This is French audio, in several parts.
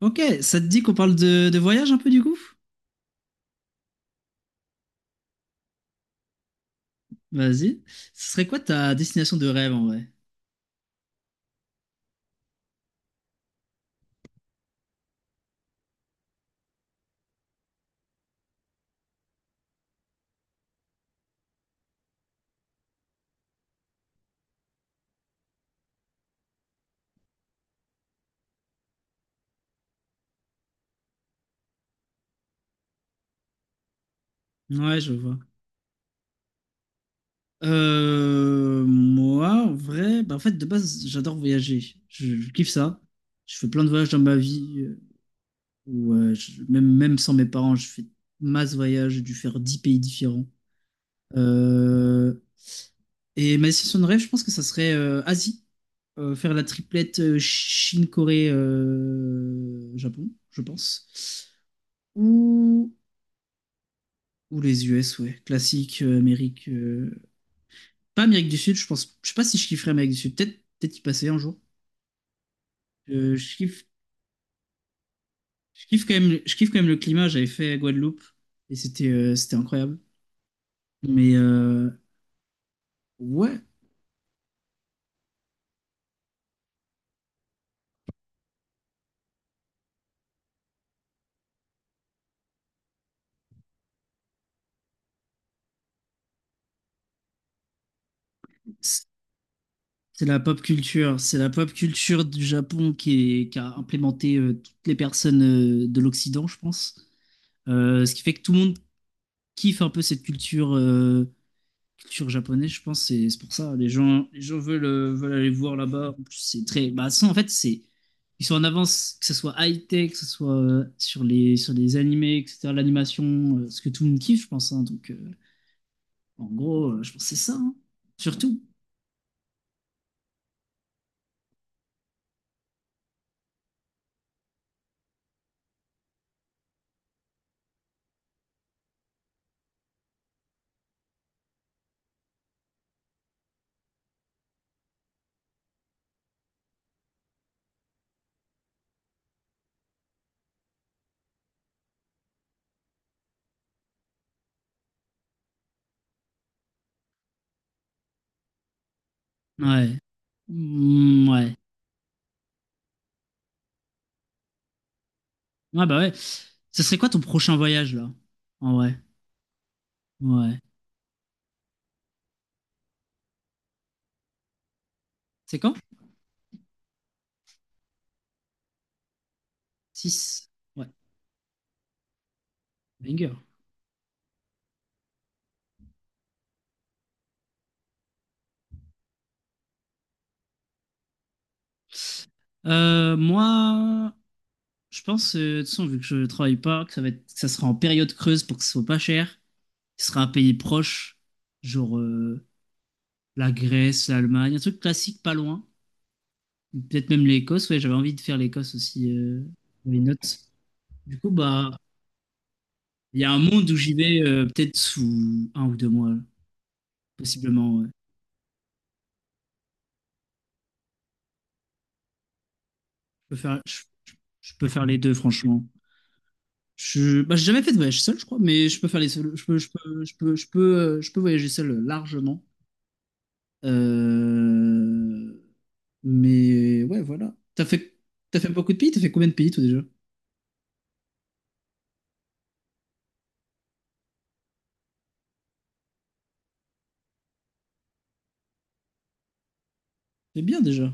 Ok, ça te dit qu'on parle de voyage un peu du coup? Vas-y. Ce serait quoi ta destination de rêve en vrai? Ouais, je vois. Moi, en vrai, bah, en fait, de base, j'adore voyager. Je kiffe ça. Je fais plein de voyages dans ma vie. Même sans mes parents, je fais masse voyages. J'ai dû faire 10 pays différents. Euh, et ma destination de rêve, je pense que ça serait Asie. Faire la triplette Chine, Corée, Japon, je pense. Ou Ou les US, ouais. Classique, Amérique. Pas Amérique du Sud, je pense. Je sais pas si je kifferais Amérique du Sud. Peut-être y passer un jour. Euh, je kiffe, je kiffe quand même, je kiffe quand même le climat. J'avais fait Guadeloupe et c'était incroyable. Mais ouais, c'est c'est la pop culture. C'est la pop culture du Japon qui a implémenté toutes les personnes de l'Occident, je pense. Ce qui fait que tout le monde kiffe un peu cette culture. Culture japonaise, je pense, c'est pour ça. Les gens veulent aller voir là-bas. En plus, c'est très. Bah, ça, en fait, c'est. Ils sont en avance, que ce soit high-tech, que ce soit sur les animés, etc., l'animation, ce que tout le monde kiffe, je pense, hein. Donc, en gros, je pense que c'est ça, hein. Surtout. Ouais. Mm, ouais. Ouais, bah ouais. Ce serait quoi ton prochain voyage, là? En vrai. Ouais. C'est quand? Six. Ouais. Banger. Moi, je pense, de toute façon, vu que je travaille pas, que ça sera en période creuse pour que ce soit pas cher. Ce sera un pays proche, genre la Grèce, l'Allemagne, un truc classique pas loin. Peut-être même l'Écosse. Ouais, j'avais envie de faire l'Écosse aussi. Dans les notes. Du coup, bah, il y a un monde où j'y vais peut-être sous un ou deux mois, possiblement. Ouais. Je peux faire, je, je peux faire les deux, franchement. Bah, j'ai jamais fait de voyage seul, je crois, mais je peux faire les seuls. Je peux voyager seul largement. Euh, Mais ouais, voilà. T'as fait beaucoup de pays? T'as fait combien de pays toi déjà? C'est bien déjà.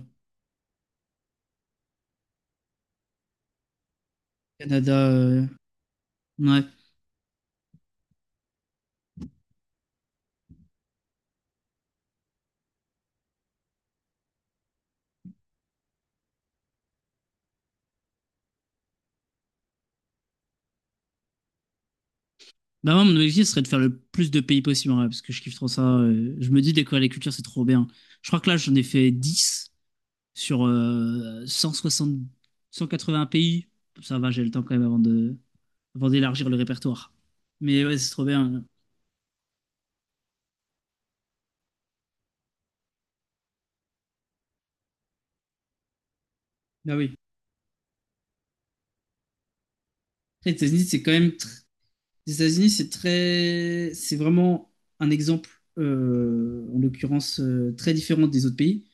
Canada. Ouais. Bah moi, mon objectif serait de faire le plus de pays possible, en vrai, parce que je kiffe trop ça. Je me dis, découvrir les cultures, c'est trop bien. Je crois que là, j'en ai fait 10 sur 160, 180 pays. Ça va, j'ai le temps quand même avant d'élargir le répertoire. Mais ouais, c'est trop bien. Bah oui. Après, les États-Unis, c'est vraiment un exemple, en l'occurrence, très différent des autres pays,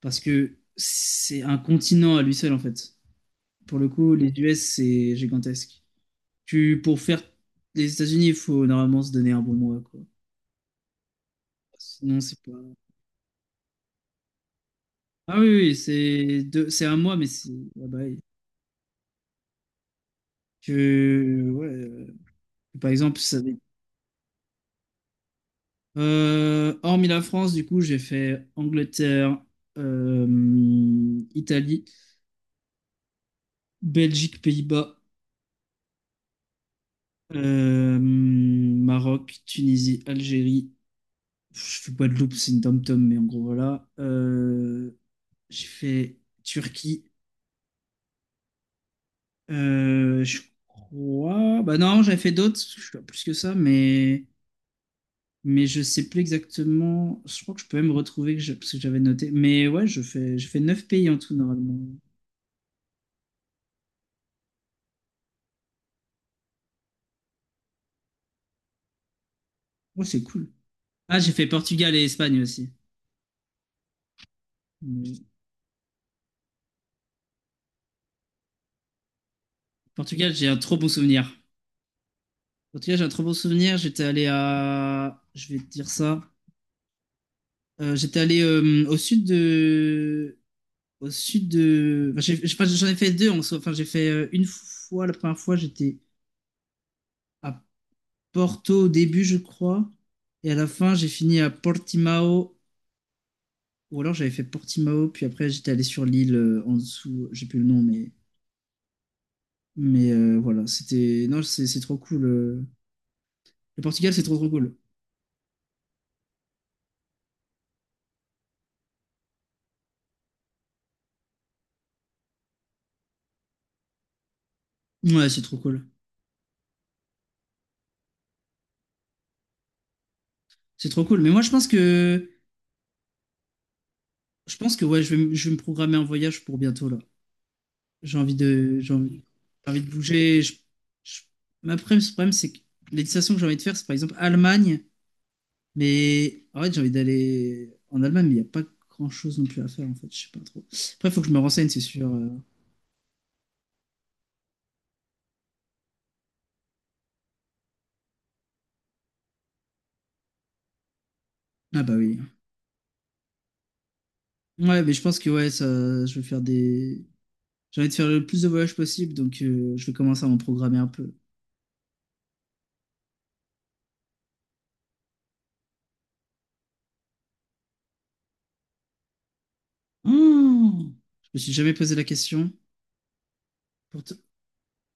parce que c'est un continent à lui seul, en fait. Pour le coup, les US, c'est gigantesque. Pour faire les États-Unis, il faut normalement se donner un bon mois, quoi. Sinon, c'est pas. Ah oui, oui, c'est un mois, mais c'est. Ah bah, oui. Ouais, par exemple, ça va être- Hormis la France, du coup, j'ai fait Angleterre, euh, Italie, Belgique, Pays-Bas, Maroc, Tunisie, Algérie. Je fais Guadeloupe, c'est une dom-tom, mais en gros, voilà. J'ai fait Turquie. Je crois. Bah non, j'avais fait d'autres, parce que je suis pas plus que ça, mais. Mais je sais plus exactement. Je crois que je peux même retrouver parce que j'avais noté. Mais ouais, je fais 9 pays en tout, normalement. Ouais, c'est cool. Ah, j'ai fait Portugal et Espagne aussi. Mais Portugal, j'ai un trop bon souvenir. En tout cas, j'ai un très beau souvenir. Je vais te dire ça. J'étais allé au sud de. Enfin, j'ai pas- j'en ai fait deux. En soi. Enfin, j'ai fait une fois la première fois. J'étais à Porto au début, je crois, et à la fin, j'ai fini à Portimao. Ou alors j'avais fait Portimao, puis après j'étais allé sur l'île en dessous. J'ai plus le nom, mais mais voilà. C'était non, c'est trop cool. Le Portugal, c'est trop trop cool. Ouais, c'est trop cool. C'est trop cool. Mais moi, je pense que ouais, je vais me programmer un voyage pour bientôt là. J'ai envie de, j'ai envie, j'ai envie de bouger. Je- Ce problème, c'est que les destinations que j'ai envie de faire, c'est par exemple Allemagne, mais en fait, j'ai envie d'aller en Allemagne, mais il n'y a pas grand-chose non plus à faire en fait. Je sais pas trop. Après, il faut que je me renseigne, c'est sûr. Ah bah oui. Ouais, mais je pense que ouais, ça, je vais faire des. J'ai envie de faire le plus de voyages possible, donc je vais commencer à m'en programmer un peu. Oh, je me suis jamais posé la question. Pourtant-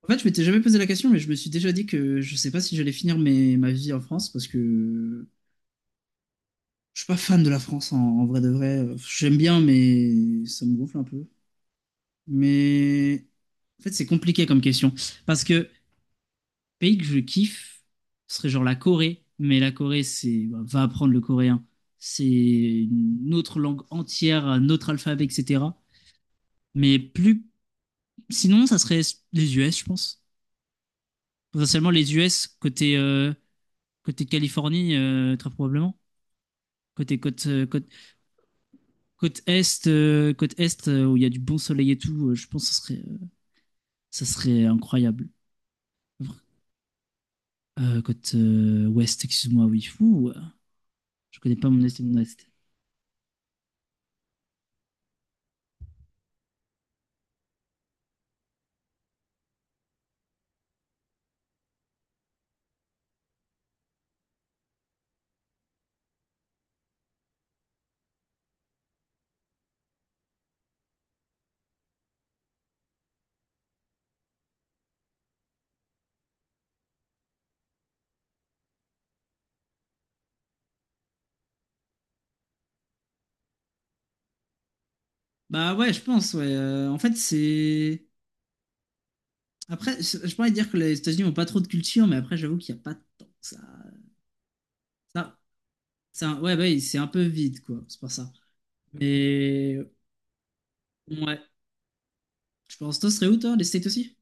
En fait, je m'étais jamais posé la question, mais je me suis déjà dit que je sais pas si j'allais finir ma vie en France parce que je suis pas fan de la France en vrai de vrai. J'aime bien, mais ça me gonfle un peu. Mais en fait, c'est compliqué comme question parce que pays que je kiffe serait genre la Corée, mais la Corée, c'est bah, va apprendre le coréen, c'est une autre langue entière, un autre alphabet, etc. Mais plus sinon, ça serait les US, je pense. Potentiellement les US côté. Côté Californie, très probablement. Côté côte, côte, côte est, Côte est, où il y a du bon soleil et tout, je pense que ça serait incroyable. Côte ouest, excuse-moi, oui. Fou, je connais pas mon est et mon ouest. Bah ouais, je pense, ouais. En fait, c'est. Après, je pourrais dire que les États-Unis ont pas trop de culture, mais après, j'avoue qu'il n'y a pas tant que ça. ça, ça, ouais, ouais, bah oui, c'est un peu vide, quoi. C'est pour ça. Mais ouais, je pense, toi, ce serait où, toi, les States aussi?